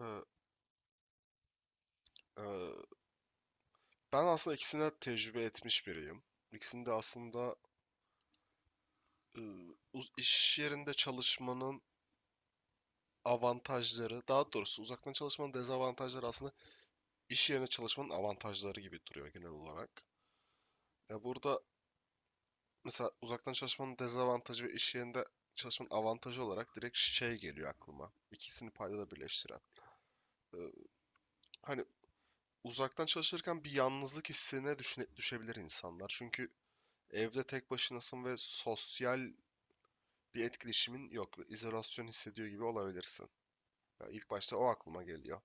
Ee, e, Ben aslında ikisini de tecrübe etmiş biriyim. İkisini de aslında e, iş yerinde çalışmanın avantajları, daha doğrusu uzaktan çalışmanın dezavantajları aslında iş yerine çalışmanın avantajları gibi duruyor genel olarak. Ya burada mesela uzaktan çalışmanın dezavantajı ve iş yerinde çalışmanın avantajı olarak direkt şey geliyor aklıma. İkisini paydada birleştiren. Ee, Hani uzaktan çalışırken bir yalnızlık hissine düşebilir insanlar. Çünkü evde tek başınasın ve sosyal bir etkileşimin yok. İzolasyon hissediyor gibi olabilirsin. Ya ilk başta o aklıma geliyor.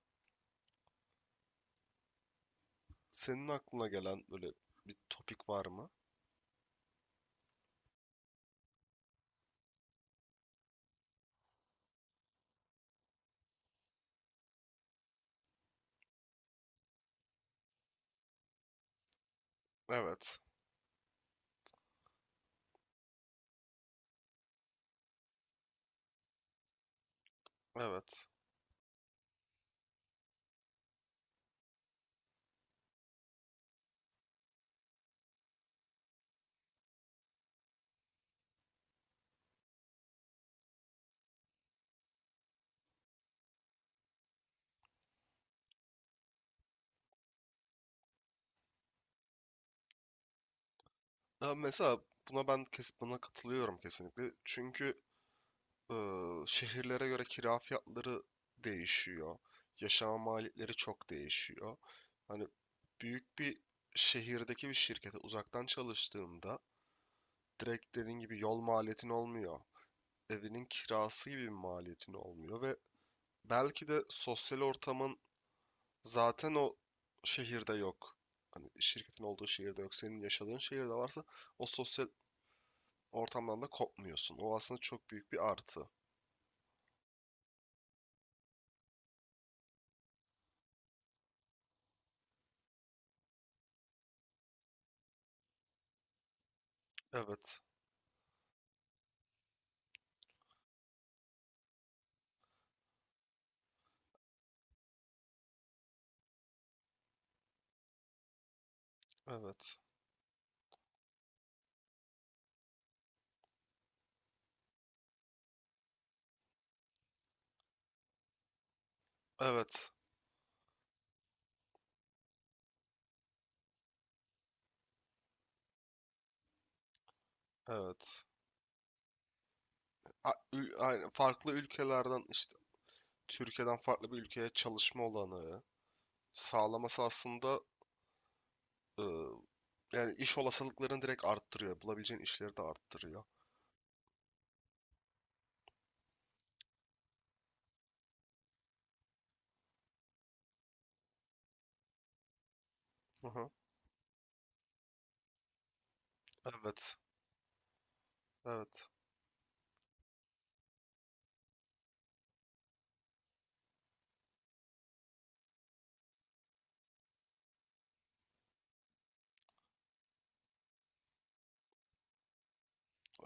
Senin aklına gelen böyle bir topik var mı? Evet. Evet. Ya mesela buna katılıyorum kesinlikle. Çünkü şehirlere göre kira fiyatları değişiyor. Yaşama maliyetleri çok değişiyor. Hani büyük bir şehirdeki bir şirkete uzaktan çalıştığımda direkt dediğin gibi yol maliyetin olmuyor. Evinin kirası gibi bir maliyetin olmuyor ve belki de sosyal ortamın zaten o şehirde yok. Hani şirketin olduğu şehirde yok. Senin yaşadığın şehirde varsa o sosyal ortamdan da kopmuyorsun. O aslında çok büyük bir artı. Evet. Evet. Evet. Evet. Aynen. Farklı ülkelerden işte Türkiye'den farklı bir ülkeye çalışma olanağı sağlaması aslında, ıı, yani iş olasılıklarını direkt arttırıyor. Bulabileceğin işleri de arttırıyor. Hı hı. Evet. Evet.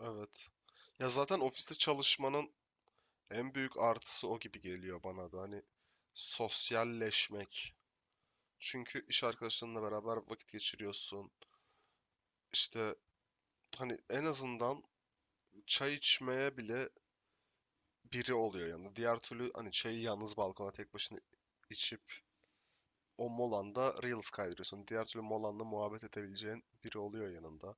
Evet. Ya zaten ofiste çalışmanın en büyük artısı o gibi geliyor bana da. Hani sosyalleşmek. Çünkü iş arkadaşlarınla beraber vakit geçiriyorsun. İşte hani en azından çay içmeye bile biri oluyor yanında. Diğer türlü hani çayı yalnız balkona tek başına içip o molanda Reels kaydırıyorsun. Diğer türlü molanla muhabbet edebileceğin biri oluyor yanında.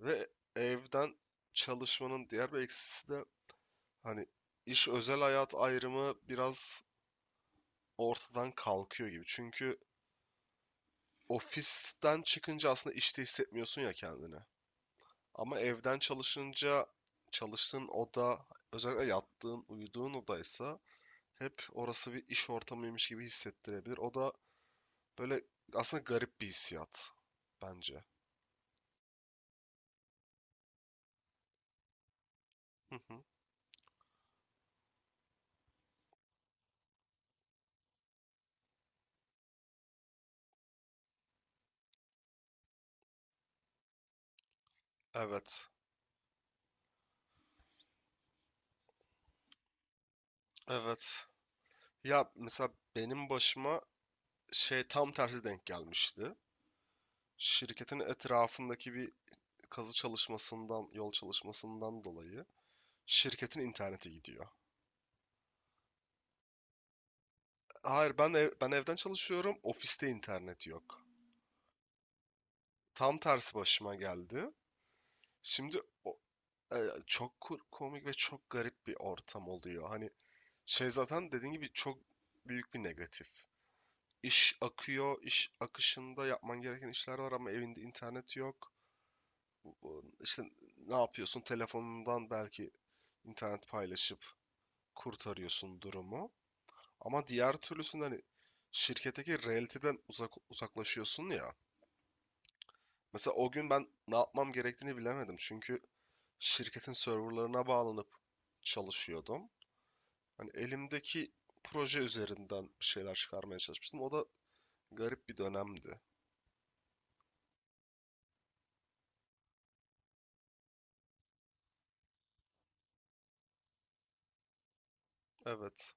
Ve evden çalışmanın diğer bir eksisi de hani iş özel hayat ayrımı biraz ortadan kalkıyor gibi. Çünkü ofisten çıkınca aslında işte hissetmiyorsun ya kendini. Ama evden çalışınca çalıştığın oda, özellikle yattığın, uyuduğun odaysa hep orası bir iş ortamıymış gibi hissettirebilir. O da böyle aslında garip bir hissiyat bence. Hı hı. Evet. Evet. Ya mesela benim başıma şey tam tersi denk gelmişti. Şirketin etrafındaki bir kazı çalışmasından, yol çalışmasından dolayı. Şirketin interneti gidiyor. Hayır, ben evden çalışıyorum. Ofiste internet yok. Tam tersi başıma geldi. Şimdi o- e, Çok komik ve çok garip bir ortam oluyor. Hani şey zaten dediğin gibi çok büyük bir negatif. İş akıyor, iş akışında yapman gereken işler var ama evinde internet yok. İşte ne yapıyorsun? Telefonundan belki internet paylaşıp kurtarıyorsun durumu. Ama diğer türlüsünde hani şirketteki realiteden uzak, uzaklaşıyorsun ya. Mesela o gün ben ne yapmam gerektiğini bilemedim. Çünkü şirketin serverlarına bağlanıp çalışıyordum. Hani elimdeki proje üzerinden bir şeyler çıkarmaya çalışmıştım. O da garip bir dönemdi. Evet.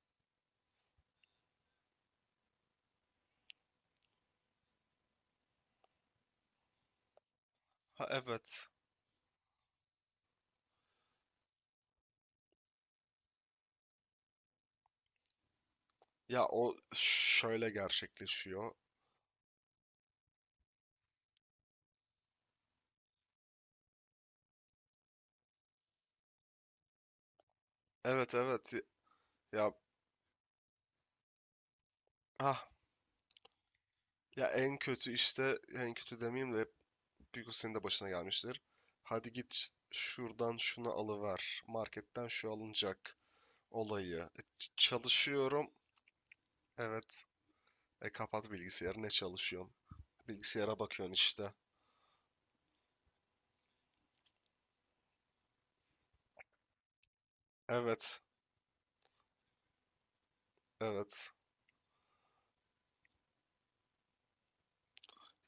Ha, evet. Ya o şöyle gerçekleşiyor. Evet, evet. Ya ha ya en kötü işte, en kötü demeyeyim de, büyük senin de başına gelmiştir. Hadi git şuradan şunu alıver. Marketten şu alınacak olayı. Çalışıyorum. Evet. E, kapat bilgisayarı. Ne çalışıyorsun? Bilgisayara bakıyorsun işte. Evet. Evet.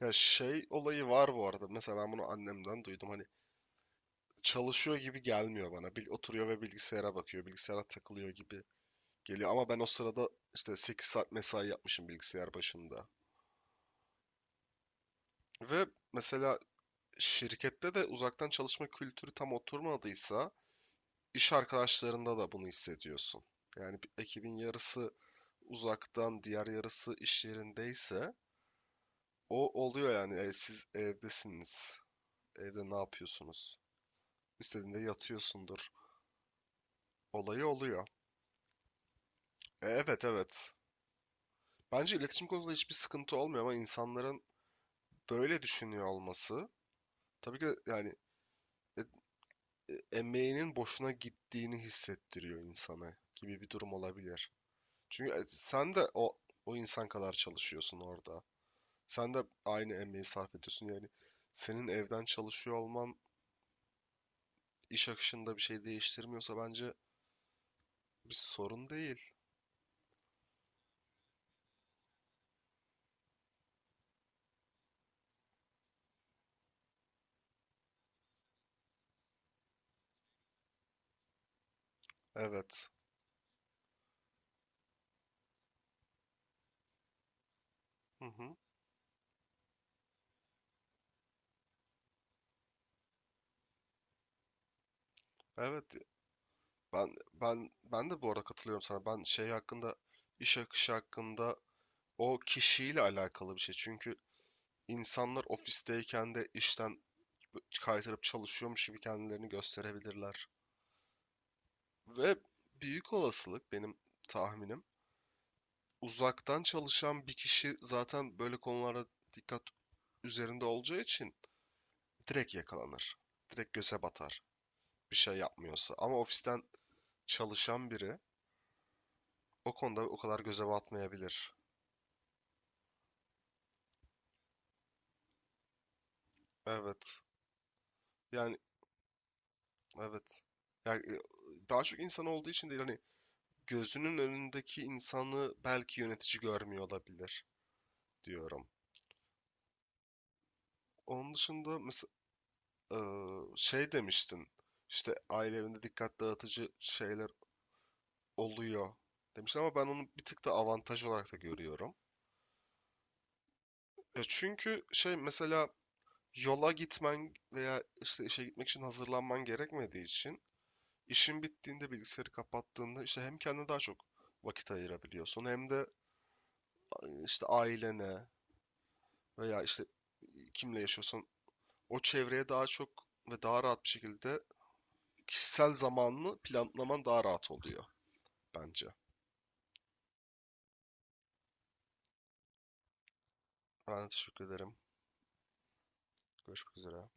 Ya şey olayı var bu arada. Mesela ben bunu annemden duydum. Hani çalışıyor gibi gelmiyor bana. Bil oturuyor ve bilgisayara bakıyor. Bilgisayara takılıyor gibi geliyor. Ama ben o sırada işte 8 saat mesai yapmışım bilgisayar başında. Ve mesela şirkette de uzaktan çalışma kültürü tam oturmadıysa iş arkadaşlarında da bunu hissediyorsun. Yani bir ekibin yarısı uzaktan, diğer yarısı iş yerindeyse o oluyor yani. E, siz evdesiniz. Evde ne yapıyorsunuz? İstediğinde yatıyorsundur. Olayı oluyor. E, evet, evet. Bence iletişim konusunda hiçbir sıkıntı olmuyor ama insanların böyle düşünüyor olması tabii ki de yani e- emeğinin boşuna gittiğini hissettiriyor insana gibi bir durum olabilir. Çünkü e, sen de o insan kadar çalışıyorsun orada. Sen de aynı emeği sarf ediyorsun. Yani senin evden çalışıyor olman iş akışında bir şey değiştirmiyorsa bence bir sorun değil. Evet. Hı hı. Evet. Ben de bu arada katılıyorum sana. Ben şey hakkında, iş akışı hakkında, o kişiyle alakalı bir şey. Çünkü insanlar ofisteyken de işten kaytarıp çalışıyormuş gibi kendilerini gösterebilirler. Ve büyük olasılık benim tahminim, uzaktan çalışan bir kişi zaten böyle konulara dikkat üzerinde olacağı için direkt yakalanır. Direkt göze batar. Bir şey yapmıyorsa. Ama ofisten çalışan biri o konuda o kadar göze batmayabilir. Evet. Yani evet. Yani e, daha çok insan olduğu için değil, hani gözünün önündeki insanı belki yönetici görmüyor olabilir diyorum. Onun dışında mesela şey demiştin. İşte aile evinde dikkat dağıtıcı şeyler oluyor demiştim ama ben onu bir tık da avantaj olarak da görüyorum. Ya çünkü şey mesela yola gitmen veya işte işe gitmek için hazırlanman gerekmediği için işin bittiğinde, bilgisayarı kapattığında, işte hem kendine daha çok vakit ayırabiliyorsun hem de e, işte ailene veya işte kimle yaşıyorsan o çevreye daha çok ve daha rahat bir şekilde kişisel zamanını planlaman daha rahat oluyor bence. Ben de teşekkür ederim. Görüşmek üzere.